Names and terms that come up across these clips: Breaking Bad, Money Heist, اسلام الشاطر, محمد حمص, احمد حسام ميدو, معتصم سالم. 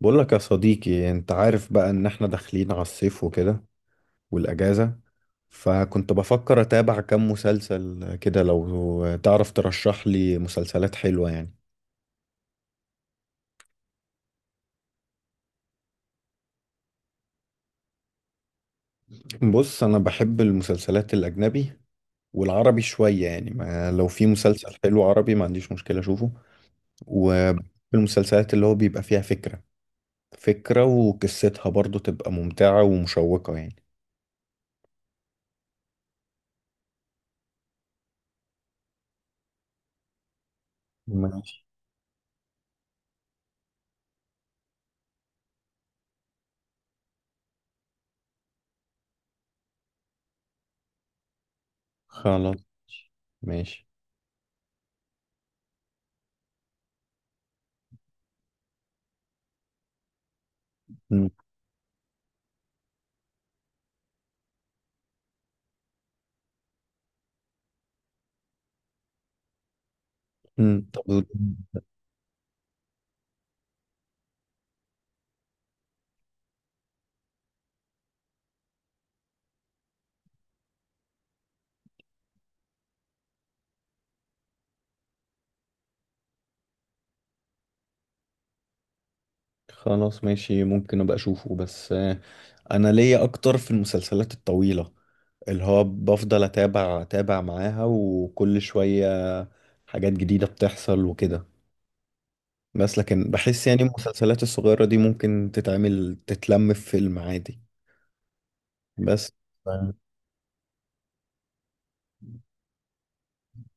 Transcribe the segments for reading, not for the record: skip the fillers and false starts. بقولك يا صديقي، انت عارف بقى ان احنا داخلين على الصيف وكده والاجازة. فكنت بفكر اتابع كام مسلسل كده، لو تعرف ترشح لي مسلسلات حلوة يعني. بص انا بحب المسلسلات الاجنبي والعربي شوية يعني، ما لو في مسلسل حلو عربي ما عنديش مشكلة اشوفه. وبحب المسلسلات اللي هو بيبقى فيها فكرة فكرة وقصتها برضو تبقى ممتعة ومشوقة يعني. ماشي. خلاص ماشي مم. مم. طب خلاص ماشي، ممكن ابقى اشوفه بس. انا ليا اكتر في المسلسلات الطويلة، اللي هو بفضل اتابع اتابع معاها وكل شوية حاجات جديدة بتحصل وكده. بس لكن بحس يعني المسلسلات الصغيرة دي ممكن تتعمل، تتلم في فيلم عادي بس. آه،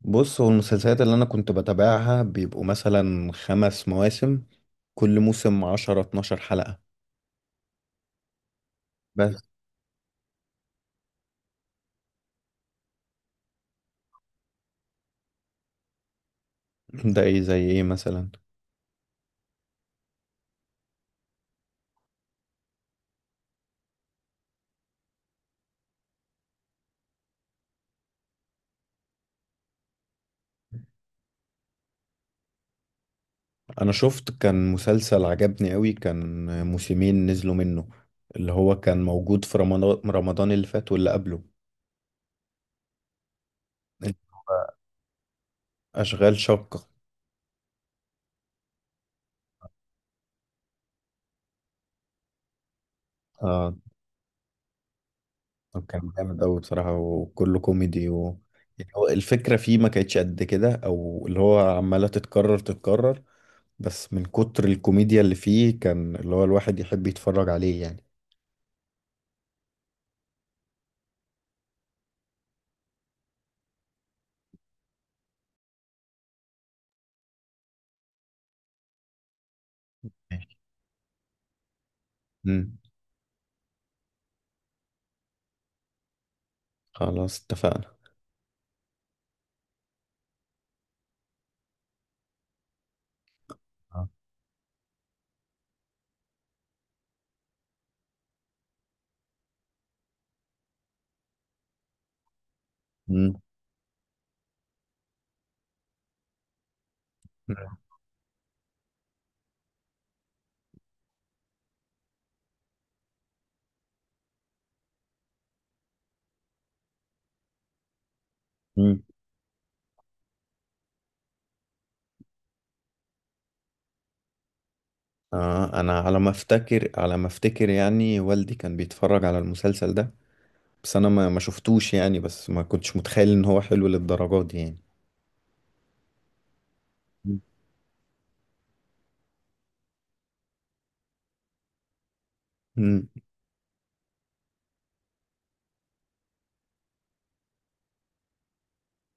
بص هو المسلسلات اللي انا كنت بتابعها بيبقوا مثلا 5 مواسم، كل موسم 10-12 حلقة. بس ده ايه؟ زي ايه مثلا؟ انا شفت كان مسلسل عجبني قوي، كان موسمين نزلوا منه، اللي هو كان موجود في رمضان اللي فات واللي قبله. اللي هو اشغال شقة. اه. كان جامد قوي بصراحة، وكله كوميدي و... يعني هو الفكرة فيه ما كانتش قد كده، او اللي هو عمالة تتكرر تتكرر. بس من كتر الكوميديا اللي فيه كان اللي هو الواحد يحب يتفرج عليه يعني. ماشي. مم. خلاص اتفقنا. آه. مم. مم. آه، انا على ما افتكر على ما افتكر يعني والدي كان بيتفرج على المسلسل ده. بس انا ما شفتوش يعني، بس ما كنتش متخيل ان هو حلو للدرجات دي يعني. مم. مم.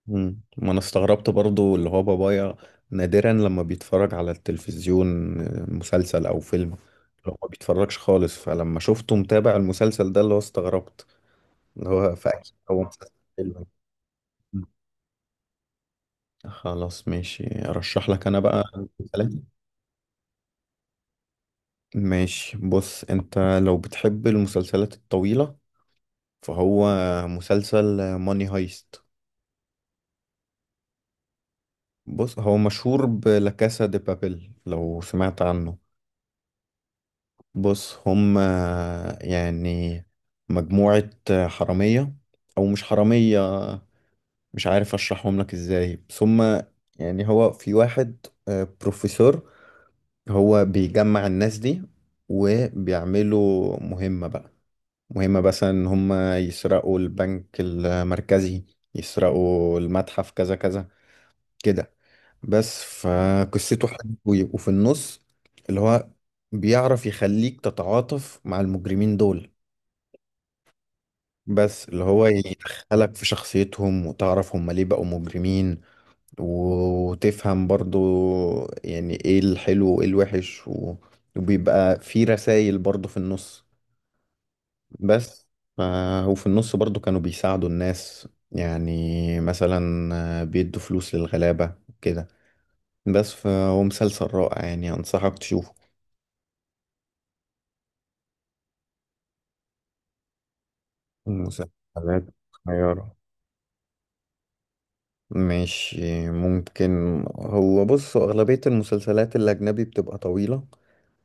مم. ما انا استغربت برضو اللي هو بابايا نادرا لما بيتفرج على التلفزيون مسلسل او فيلم. لو ما بيتفرجش خالص. فلما شفته متابع المسلسل ده اللي هو استغربت، اللي هو فاكر هو مسلسل حلو. مم. خلاص ماشي، ارشح لك انا بقى. مسلسلات. ماشي. بص انت، لو بتحب المسلسلات الطويلة، فهو مسلسل ماني هايست. بص هو مشهور بلا كاسا دي بابيل، لو سمعت عنه. بص هم، يعني مجموعة حرامية، او مش حرامية، مش عارف اشرحهم لك ازاي. بس هم يعني هو في واحد بروفيسور. هو بيجمع الناس دي، وبيعملوا مهمة بقى. مهم مثلا ان هم يسرقوا البنك المركزي، يسرقوا المتحف، كذا كذا كده. بس فقصته حلوة، ويبقوا في النص اللي هو بيعرف يخليك تتعاطف مع المجرمين دول. بس اللي هو يدخلك في شخصيتهم، وتعرف هم ليه بقوا مجرمين. وتفهم برضو يعني ايه الحلو وايه الوحش وبيبقى في رسائل برضو في النص بس ف... وفي النص برضو كانوا بيساعدوا الناس يعني، مثلا بيدوا فلوس للغلابة كده. بس فهو مسلسل رائع يعني، أنصحك تشوفه. مسلسلات قصيرة، مش ممكن. هو بص، أغلبية المسلسلات الأجنبي بتبقى طويلة.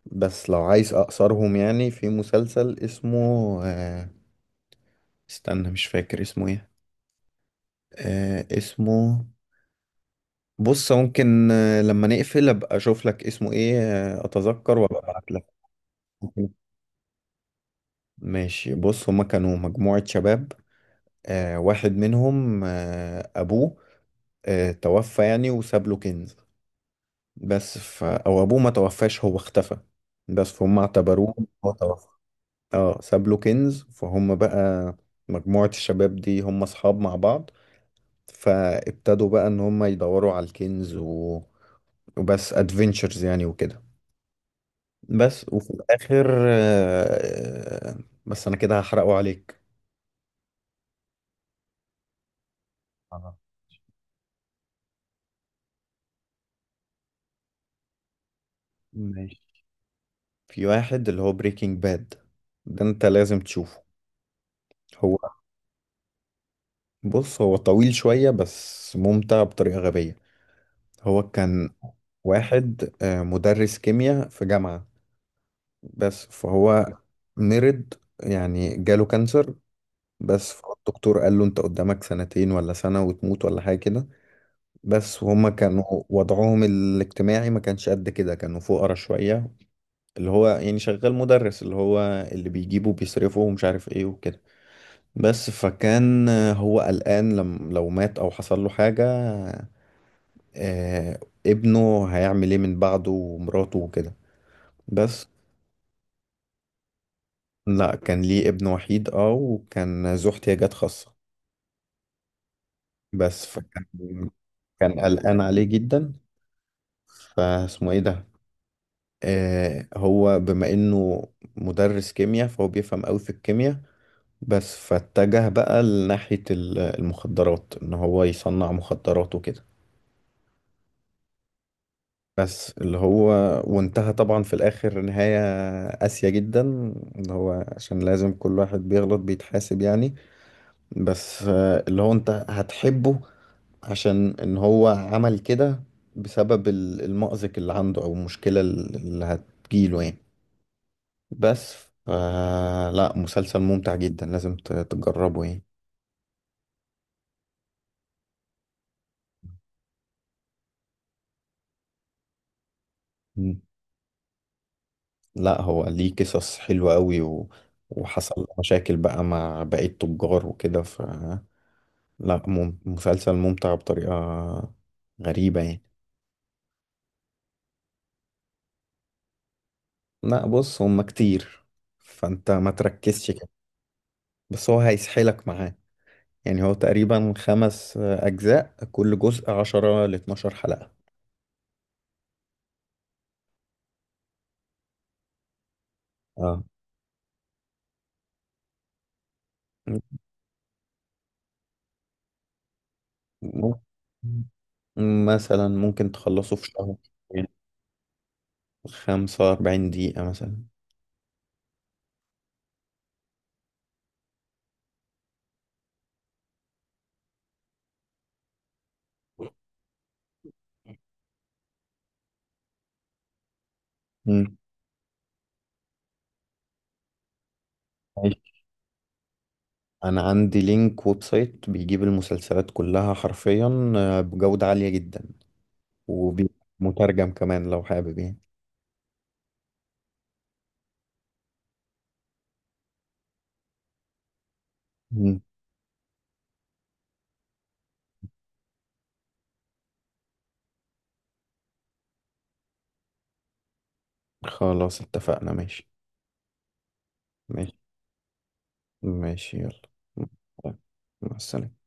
بس لو عايز أقصرهم، يعني في مسلسل اسمه آه، استنى، مش فاكر اسمه ايه. اسمه، بص ممكن لما نقفل ابقى اشوف لك اسمه ايه، اتذكر وابقى ابعت لك. ماشي. بص هما كانوا مجموعة شباب، واحد منهم ابوه توفى يعني، وساب له كنز. بس او ابوه ما توفاش، هو اختفى. بس فهم اعتبروه هو توفى. اه ساب له كنز. فهم بقى مجموعة الشباب دي هم اصحاب مع بعض، فابتدوا بقى ان هم يدوروا على الكنز و... وبس ادفنتشرز يعني وكده. بس وفي الآخر بس أنا كده هحرقه عليك. آه. ماشي. في واحد اللي هو بريكنج باد، ده أنت لازم تشوفه. هو، بص هو طويل شوية بس ممتع بطريقة غبية. هو كان واحد مدرس كيمياء في جامعة. بس فهو مرض، يعني جاله كانسر. بس فالدكتور قال له أنت قدامك سنتين ولا سنة وتموت ولا حاجة كده. بس وهم كانوا، وضعهم الاجتماعي ما كانش قد كده، كانوا فقراء شوية. اللي هو يعني شغال مدرس، اللي هو اللي بيجيبه وبيصرفه ومش عارف ايه وكده. بس فكان هو قلقان لم لو مات او حصل له حاجة، آه، ابنه هيعمل ايه من بعده ومراته وكده. بس. لا كان ليه ابن وحيد، اه، وكان ذو احتياجات خاصة. بس فكان قلقان عليه جدا. فاسمه ايه ده؟ هو بما انه مدرس كيمياء، فهو بيفهم قوي في الكيمياء. بس فاتجه بقى لناحية المخدرات، ان هو يصنع مخدرات وكده. بس اللي هو، وانتهى طبعا في الاخر نهاية قاسية جدا، اللي هو عشان لازم كل واحد بيغلط بيتحاسب يعني. بس اللي هو انت هتحبه عشان ان هو عمل كده بسبب المأزق اللي عنده او المشكلة اللي هتجيله يعني. بس ف- لا، مسلسل ممتع جدا، لازم تجربه يعني. مم. لا هو ليه قصص حلوة قوي و... وحصل له مشاكل بقى مع بقية التجار وكده ف... لا مسلسل ممتع بطريقة غريبة يعني. لا بص، هما كتير، فانت ما تركزش كده، بس هو هيسحلك معاه. يعني هو تقريبا 5 أجزاء، كل جزء 10-12 حلقة. اه. مم. مثلا ممكن تخلصه في شهر. 45 دقيقة مثلا. مم. ماشي. أنا عندي لينك ويب سايت بيجيب المسلسلات كلها حرفيا بجودة عالية جدا، ومترجم كمان لو حابب يعني. مم. خلاص اتفقنا. ماشي، ماشي، ماشي، يلا. مع السلامة.